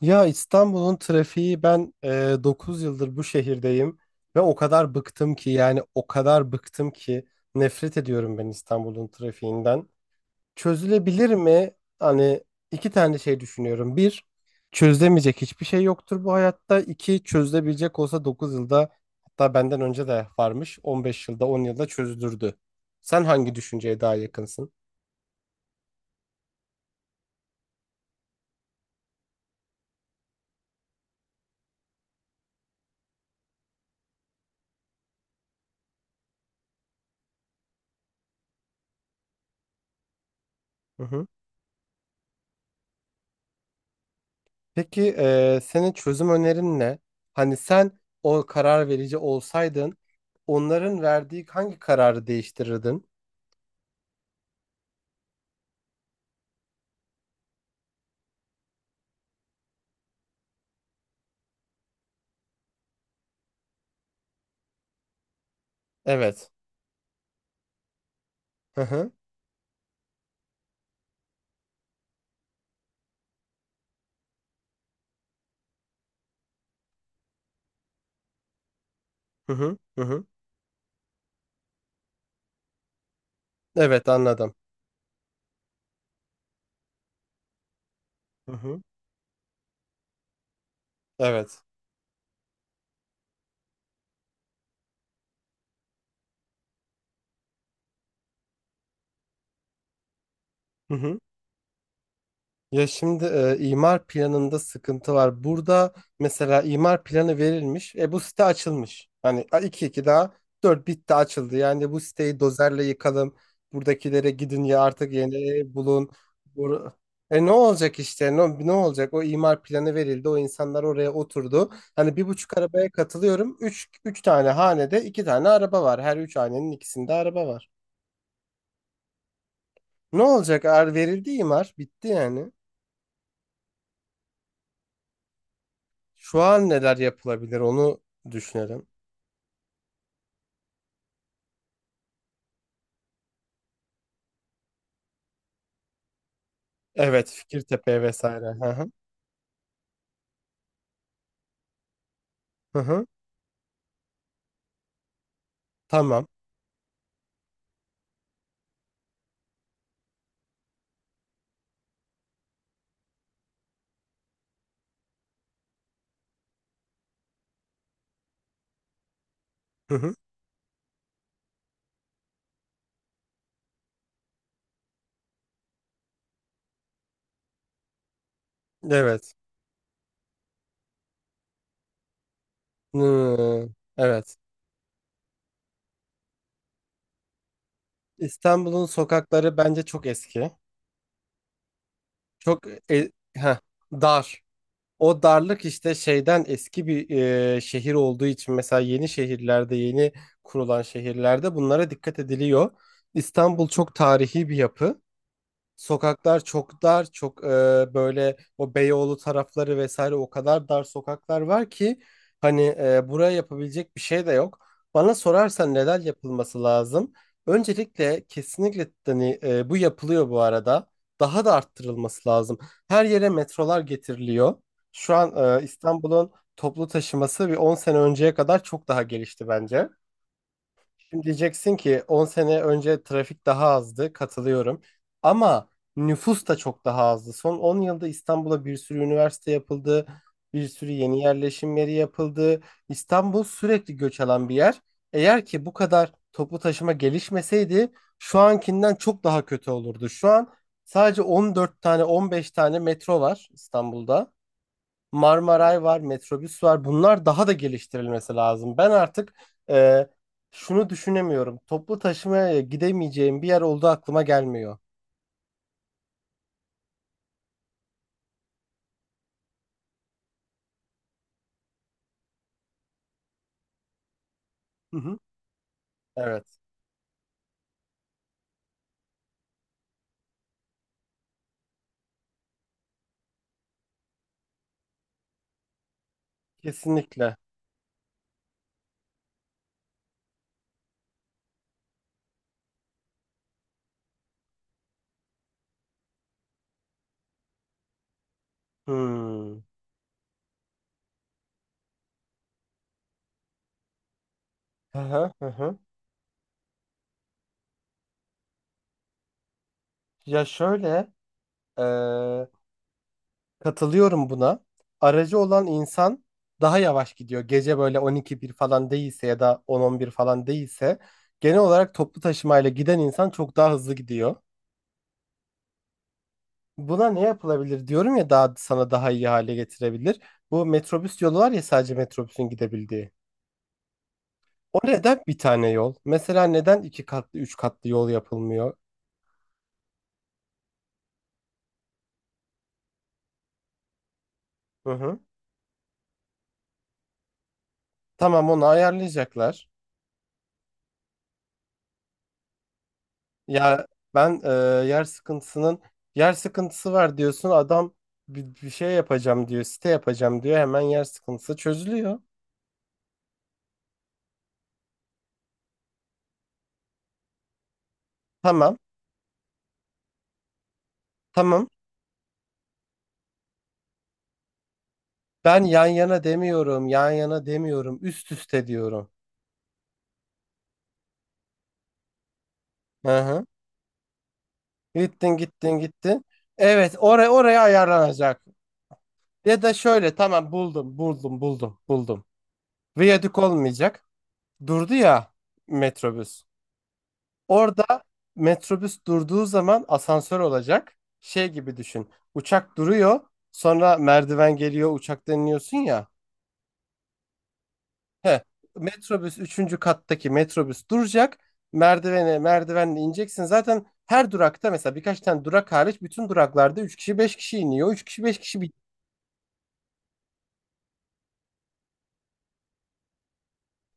Ya İstanbul'un trafiği ben 9 yıldır bu şehirdeyim ve o kadar bıktım ki yani o kadar bıktım ki nefret ediyorum ben İstanbul'un trafiğinden. Çözülebilir mi? Hani iki tane şey düşünüyorum. Bir, çözülemeyecek hiçbir şey yoktur bu hayatta. İki, çözülebilecek olsa 9 yılda hatta benden önce de varmış 15 yılda 10 yılda çözülürdü. Sen hangi düşünceye daha yakınsın? Hı hı. Peki senin çözüm önerin ne? Hani sen o karar verici olsaydın onların verdiği hangi kararı değiştirirdin? Evet. Hı hı. Hı hı. Hı hı. Evet, anladım. Hı hı. Evet. Hı hı. Ya şimdi imar planında sıkıntı var. Burada mesela imar planı verilmiş. E, bu site açılmış. Hani iki iki daha dört, bitti, açıldı. Yani bu siteyi dozerle yıkalım. Buradakilere gidin ya, artık yeni ev bulun. Bur- Ne olacak işte? Ne olacak? O imar planı verildi. O insanlar oraya oturdu. Hani 1,5 arabaya katılıyorum. Üç tane hanede iki tane araba var. Her üç hanenin ikisinde araba var. Ne olacak? Verildi imar. Bitti yani. Şu an neler yapılabilir onu düşünelim. Evet. Fikirtepe vesaire. Hı hı. Hı hı. Tamam. Hı hı. Evet. Hı. Evet. İstanbul'un sokakları bence çok eski. Çok dar. O darlık işte şeyden, eski bir şehir olduğu için. Mesela yeni şehirlerde, yeni kurulan şehirlerde bunlara dikkat ediliyor. İstanbul çok tarihi bir yapı. Sokaklar çok dar, çok böyle o Beyoğlu tarafları vesaire, o kadar dar sokaklar var ki hani buraya yapabilecek bir şey de yok. Bana sorarsan neler yapılması lazım? Öncelikle kesinlikle, hani bu yapılıyor bu arada. Daha da arttırılması lazım. Her yere metrolar getiriliyor. Şu an İstanbul'un toplu taşıması bir 10 sene önceye kadar çok daha gelişti bence. Şimdi diyeceksin ki 10 sene önce trafik daha azdı, katılıyorum. Ama nüfus da çok daha azdı. Son 10 yılda İstanbul'a bir sürü üniversite yapıldı, bir sürü yeni yerleşim yeri yapıldı. İstanbul sürekli göç alan bir yer. Eğer ki bu kadar toplu taşıma gelişmeseydi, şu ankinden çok daha kötü olurdu. Şu an sadece 14 tane, 15 tane metro var İstanbul'da. Marmaray var, metrobüs var. Bunlar daha da geliştirilmesi lazım. Ben artık e, şunu düşünemiyorum. Toplu taşımaya gidemeyeceğim bir yer olduğu aklıma gelmiyor. Hı hı. Evet, kesinlikle. Hmm. Hı hı hı. Hı. Ya şöyle, e, katılıyorum buna. Aracı olan insan daha yavaş gidiyor. Gece böyle 12-1 falan değilse ya da 10-11 falan değilse, genel olarak toplu taşımayla giden insan çok daha hızlı gidiyor. Buna ne yapılabilir diyorum ya, daha sana daha iyi hale getirebilir. Bu metrobüs yolu var ya, sadece metrobüsün gidebildiği. O neden bir tane yol? Mesela neden iki katlı, üç katlı yol yapılmıyor? Hı hı. Tamam, onu ayarlayacaklar. Ya ben yer sıkıntısının yer sıkıntısı var diyorsun. Adam bir şey yapacağım diyor, site yapacağım diyor, hemen yer sıkıntısı çözülüyor. Tamam, tamam. Ben yan yana demiyorum, yan yana demiyorum, üst üste diyorum. Hı hı. Gittin, gittin, gittin. Evet, oraya ayarlanacak. Ya da şöyle, tamam, buldum, buldum, buldum, buldum. Viyadük olmayacak. Durdu ya metrobüs. Orada metrobüs durduğu zaman asansör olacak. Şey gibi düşün. Uçak duruyor. Sonra merdiven geliyor, uçaktan iniyorsun ya. He. Metrobüs üçüncü kattaki metrobüs duracak. Merdivenle ineceksin. Zaten her durakta, mesela birkaç tane durak hariç, bütün duraklarda 3 kişi 5 kişi iniyor. Üç kişi 5 kişi.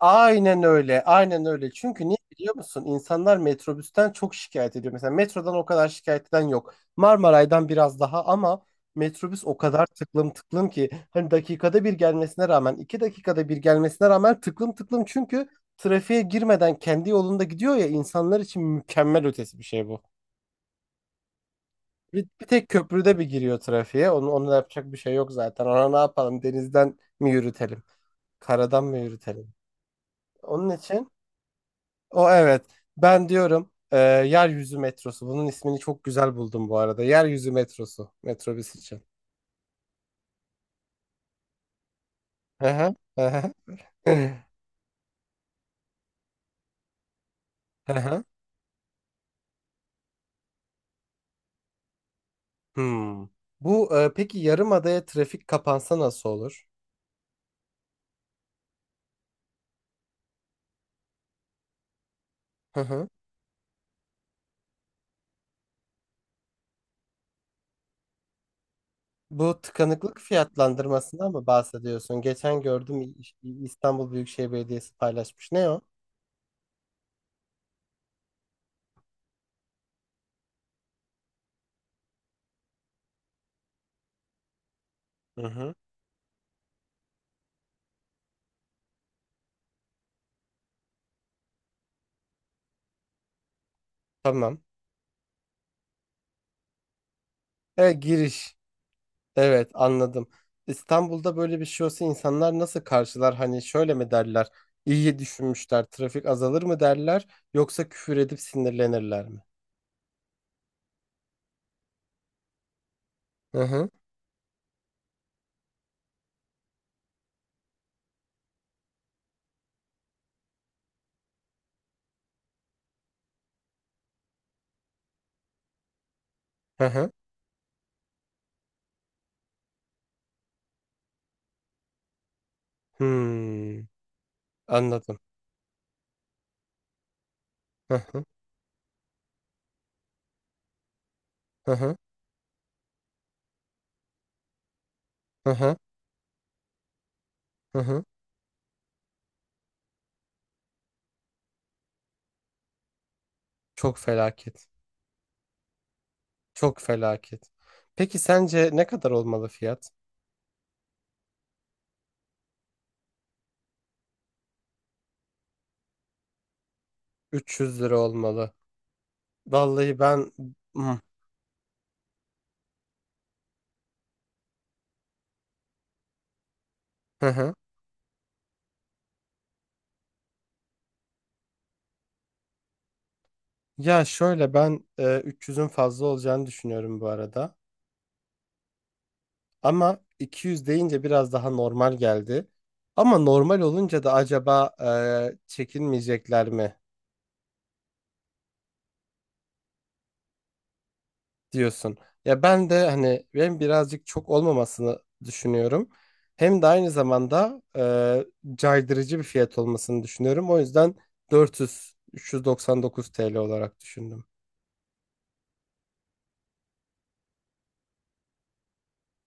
Aynen öyle, aynen öyle. Çünkü niye biliyor musun? İnsanlar metrobüsten çok şikayet ediyor. Mesela metrodan o kadar şikayet eden yok. Marmaray'dan biraz daha, ama metrobüs o kadar tıklım tıklım ki hani dakikada bir gelmesine rağmen, iki dakikada bir gelmesine rağmen tıklım tıklım. Çünkü trafiğe girmeden kendi yolunda gidiyor ya, insanlar için mükemmel ötesi bir şey bu. Bir tek köprüde bir giriyor trafiğe. Onu da yapacak bir şey yok zaten. Ona ne yapalım? Denizden mi yürütelim? Karadan mı yürütelim? Onun için. O, evet. Ben diyorum yeryüzü metrosu. Bunun ismini çok güzel buldum bu arada. Yeryüzü metrosu. Metrobüs için. Hı hı, hı hı. Hı hı. Hmm. Bu peki, yarımadaya trafik kapansa nasıl olur? Hı hı. Bu tıkanıklık fiyatlandırmasından mı bahsediyorsun? Geçen gördüm, İstanbul Büyükşehir Belediyesi paylaşmış. Ne o? Hı hı. Tamam. Giriş. Evet, anladım. İstanbul'da böyle bir şey olsa insanlar nasıl karşılar? Hani şöyle mi derler? İyi düşünmüşler, trafik azalır mı derler? Yoksa küfür edip sinirlenirler mi? Hı hı. Hı hı. Hmm, anladım. Hı hı. Hı hı. Hı hı. Hı hı. Çok felaket. Çok felaket. Peki sence ne kadar olmalı fiyat? 300 lira olmalı. Vallahi ben. Hı hı. Hı. Ya şöyle, ben 300'ün fazla olacağını düşünüyorum bu arada. Ama 200 deyince biraz daha normal geldi. Ama normal olunca da acaba çekinmeyecekler mi diyorsun. Ya ben de hani, ben birazcık çok olmamasını düşünüyorum. Hem de aynı zamanda caydırıcı bir fiyat olmasını düşünüyorum. O yüzden 400 399 TL olarak düşündüm.